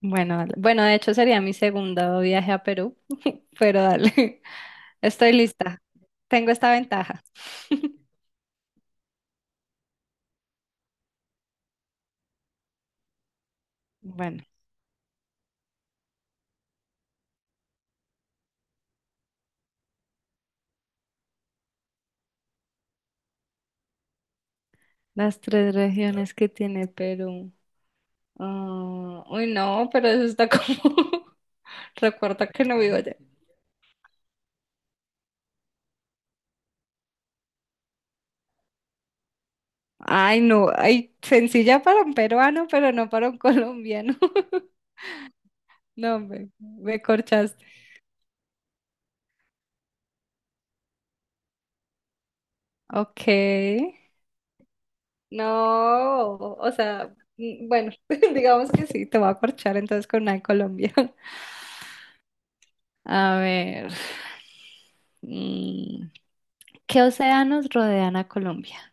Bueno, dale. Bueno, de hecho sería mi segundo viaje a Perú, pero dale, estoy lista. Tengo esta ventaja. Bueno, las tres regiones que tiene Perú. Ah, uy, no, pero eso está como... Recuerda que no vivo allá. Ay, no, ay, sencilla para un peruano, pero no para un colombiano. No, me corchaste. Ok. No, o sea, bueno, digamos que sí, te voy a corchar entonces con una de Colombia. A ver, mm, ¿qué océanos rodean a Colombia?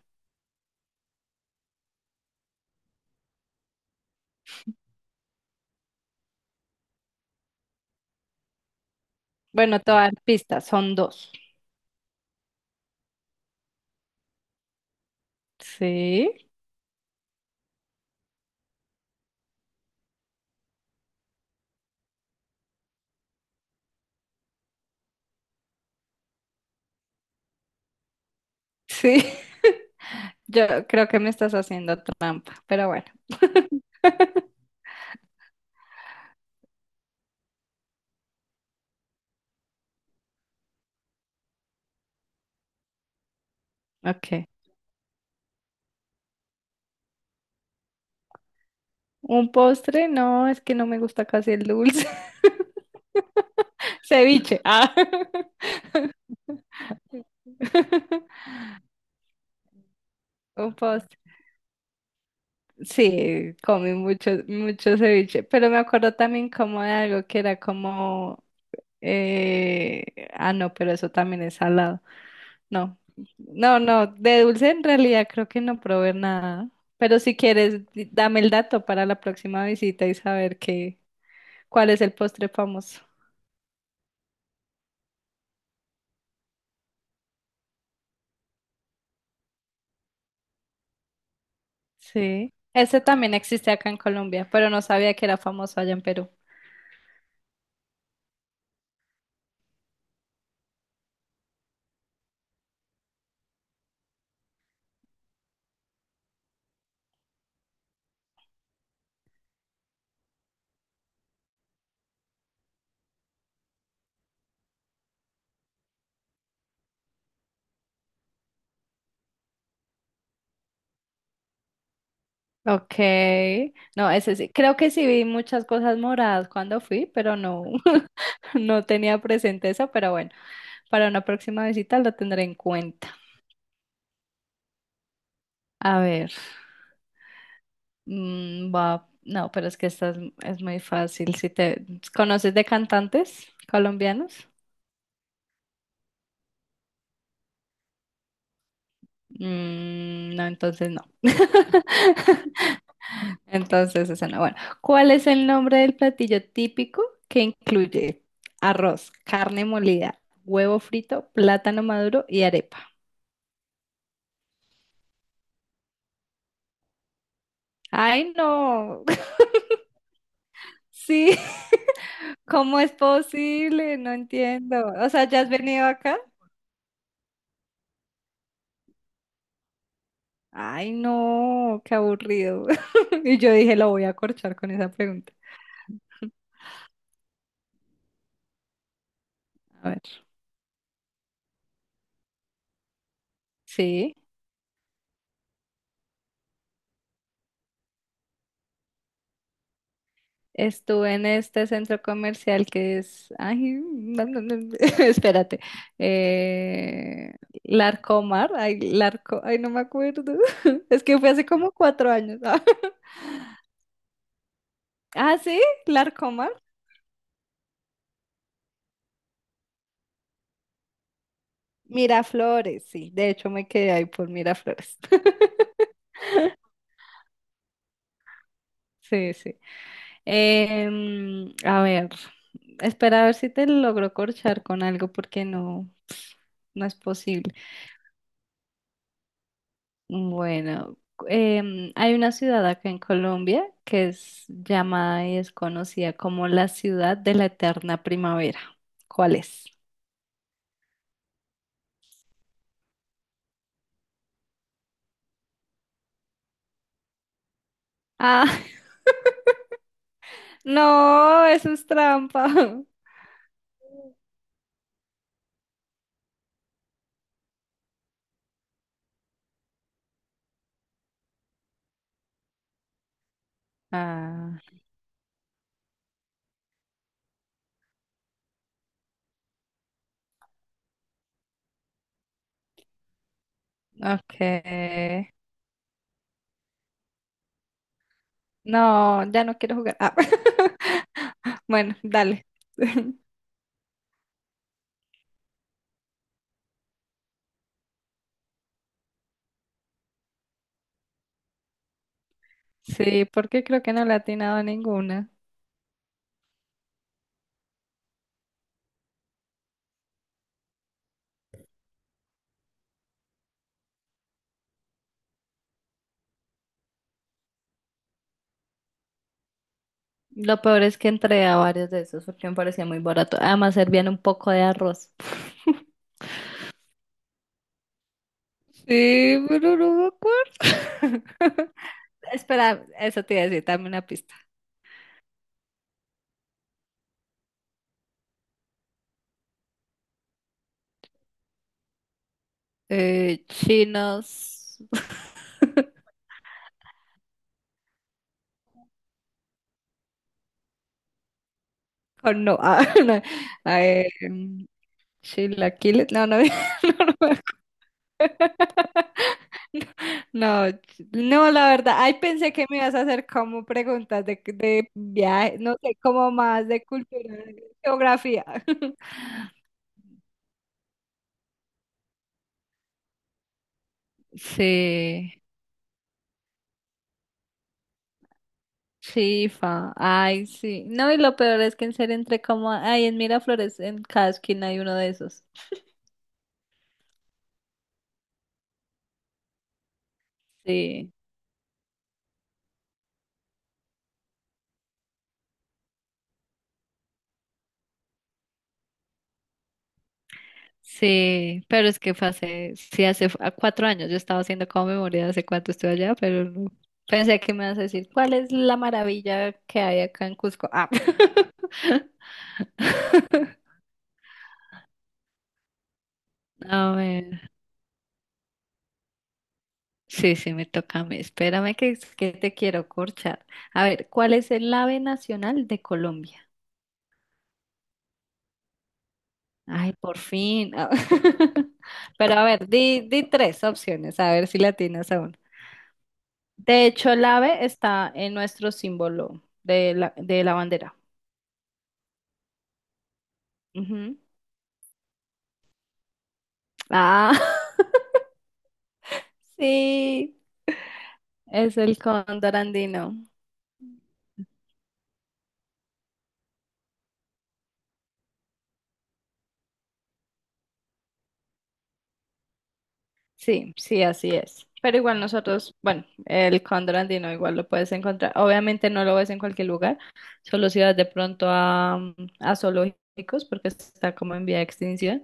Bueno, todas pistas, son dos. Sí, sí, yo creo que me estás haciendo trampa, pero bueno. Ok. Un postre, no, es que no me gusta casi el dulce. Ceviche. Ah. Un postre. Sí, comí mucho, mucho ceviche, pero me acuerdo también como de algo que era como, eh, ah, no, pero eso también es salado. No, no, no, de dulce en realidad creo que no probé nada, pero si quieres, dame el dato para la próxima visita y saber qué, cuál es el postre famoso. Sí, ese también existe acá en Colombia, pero no sabía que era famoso allá en Perú. Ok, no, ese sí, creo que sí vi muchas cosas moradas cuando fui, pero no, no tenía presente eso, pero bueno, para una próxima visita lo tendré en cuenta. A ver, va, no, pero es que esta es muy fácil. Si te conoces de cantantes colombianos. Mm, no, entonces no. Entonces esa no. Bueno, ¿cuál es el nombre del platillo típico que incluye arroz, carne molida, huevo frito, plátano maduro y arepa? Ay, no. Sí. ¿Cómo es posible? No entiendo. O sea, ¿ya has venido acá? Ay, no, qué aburrido. Y yo dije, lo voy a corchar con esa pregunta. A ver. Sí, estuve en este centro comercial que es, ay, no, no, no, espérate, eh, Larcomar, ay, Larco, ay, no me acuerdo, es que fue hace como 4 años. Ah, sí, Larcomar, Miraflores, sí. De hecho, me quedé ahí por Miraflores. Sí, sí. Em, a ver, espera a ver si te logro corchar con algo porque no, no es posible. Bueno, em, hay una ciudad acá en Colombia que es llamada y es conocida como la ciudad de la eterna primavera. ¿Cuál es? Ah, no, eso es trampa. Ah, ok. No, ya no quiero jugar. Ah. Bueno, dale. Sí, porque creo que no le he atinado a ninguna. Lo peor es que entré a varios de esos porque me parecía muy barato. Además, servían un poco de arroz. Sí, pero no me acuerdo. Espera, eso te iba a decir, dame una pista. Chinos. Oh, no, ah, no. Ah, chilaquiles. No, no, no, no me acuerdo. No, no, la verdad, ay, pensé que me ibas a hacer como preguntas de viaje, no sé, como más de cultura, de geografía. Sí, sí, fa, ay, sí. No, y lo peor es que en serio entré como, ay, en Miraflores, en cada esquina hay uno de esos. Sí, sí, pero es que fue hace, sí, a 4 años, yo estaba haciendo como memoria de hace cuánto estuve allá, pero no. Pensé que me ibas a decir, ¿cuál es la maravilla que hay acá en Cusco? Ah. A ver, sí, sí, me toca a mí. Espérame que, es que te quiero corchar. A ver, ¿cuál es el ave nacional de Colombia? Ay, por fin. Ah, pero a ver, di, di tres opciones, a ver si la tienes aún. De hecho, el ave está en nuestro símbolo de la bandera. Ujú. Ah, sí, es el cóndor andino. Sí, sí, así es. Pero igual nosotros, bueno, el cóndor andino igual lo puedes encontrar. Obviamente no lo ves en cualquier lugar, solo si vas de pronto a, a zoológicos porque está como en vía de extinción.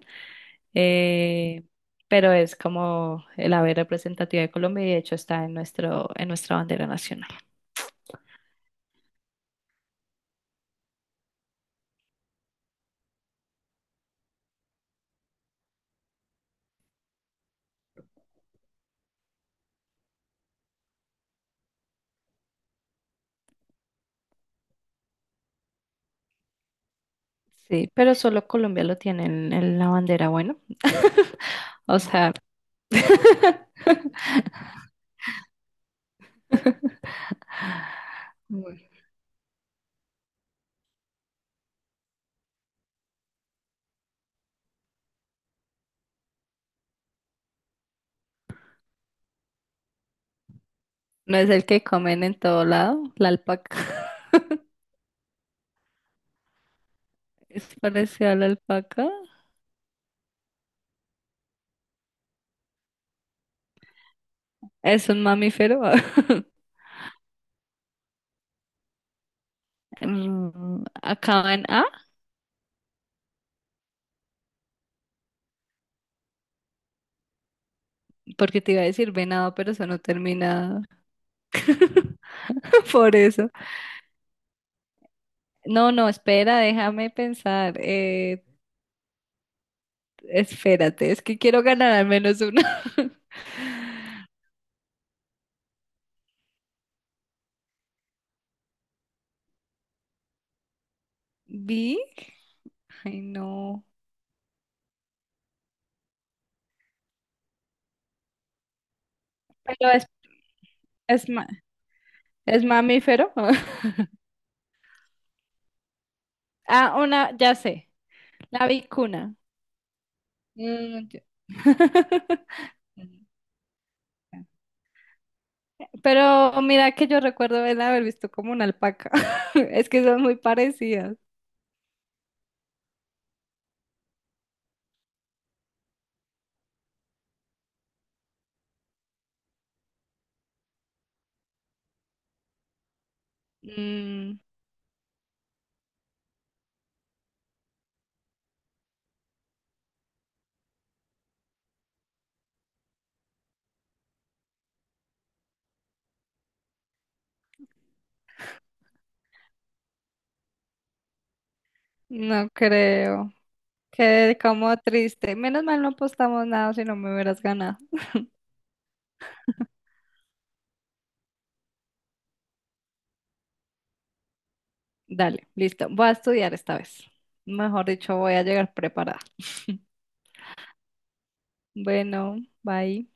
Eh, pero es como el ave representativa de Colombia y de hecho está en nuestro, en nuestra bandera nacional. Sí, pero solo Colombia lo tiene en la bandera, bueno. O sea. Bueno. ¿No es el que comen en todo lado? La alpaca. ¿Es parecido a la alpaca? ¿Es un mamífero? Mm, acaba en A, porque te iba a decir venado, pero eso no termina por eso. No, no, espera, déjame pensar. Espérate, es que quiero ganar al menos una. ¿Big? Ay, no. Pero es, es es mamífero. Ah, una, ya sé. La vicuna. Mm, ya. Pero mira que yo recuerdo el haber visto como una alpaca. Es que son muy parecidas. Mm, no creo. Quedé como triste. Menos mal no apostamos nada si no me hubieras ganado. Dale, listo. Voy a estudiar esta vez. Mejor dicho, voy a llegar preparada. Bueno, bye.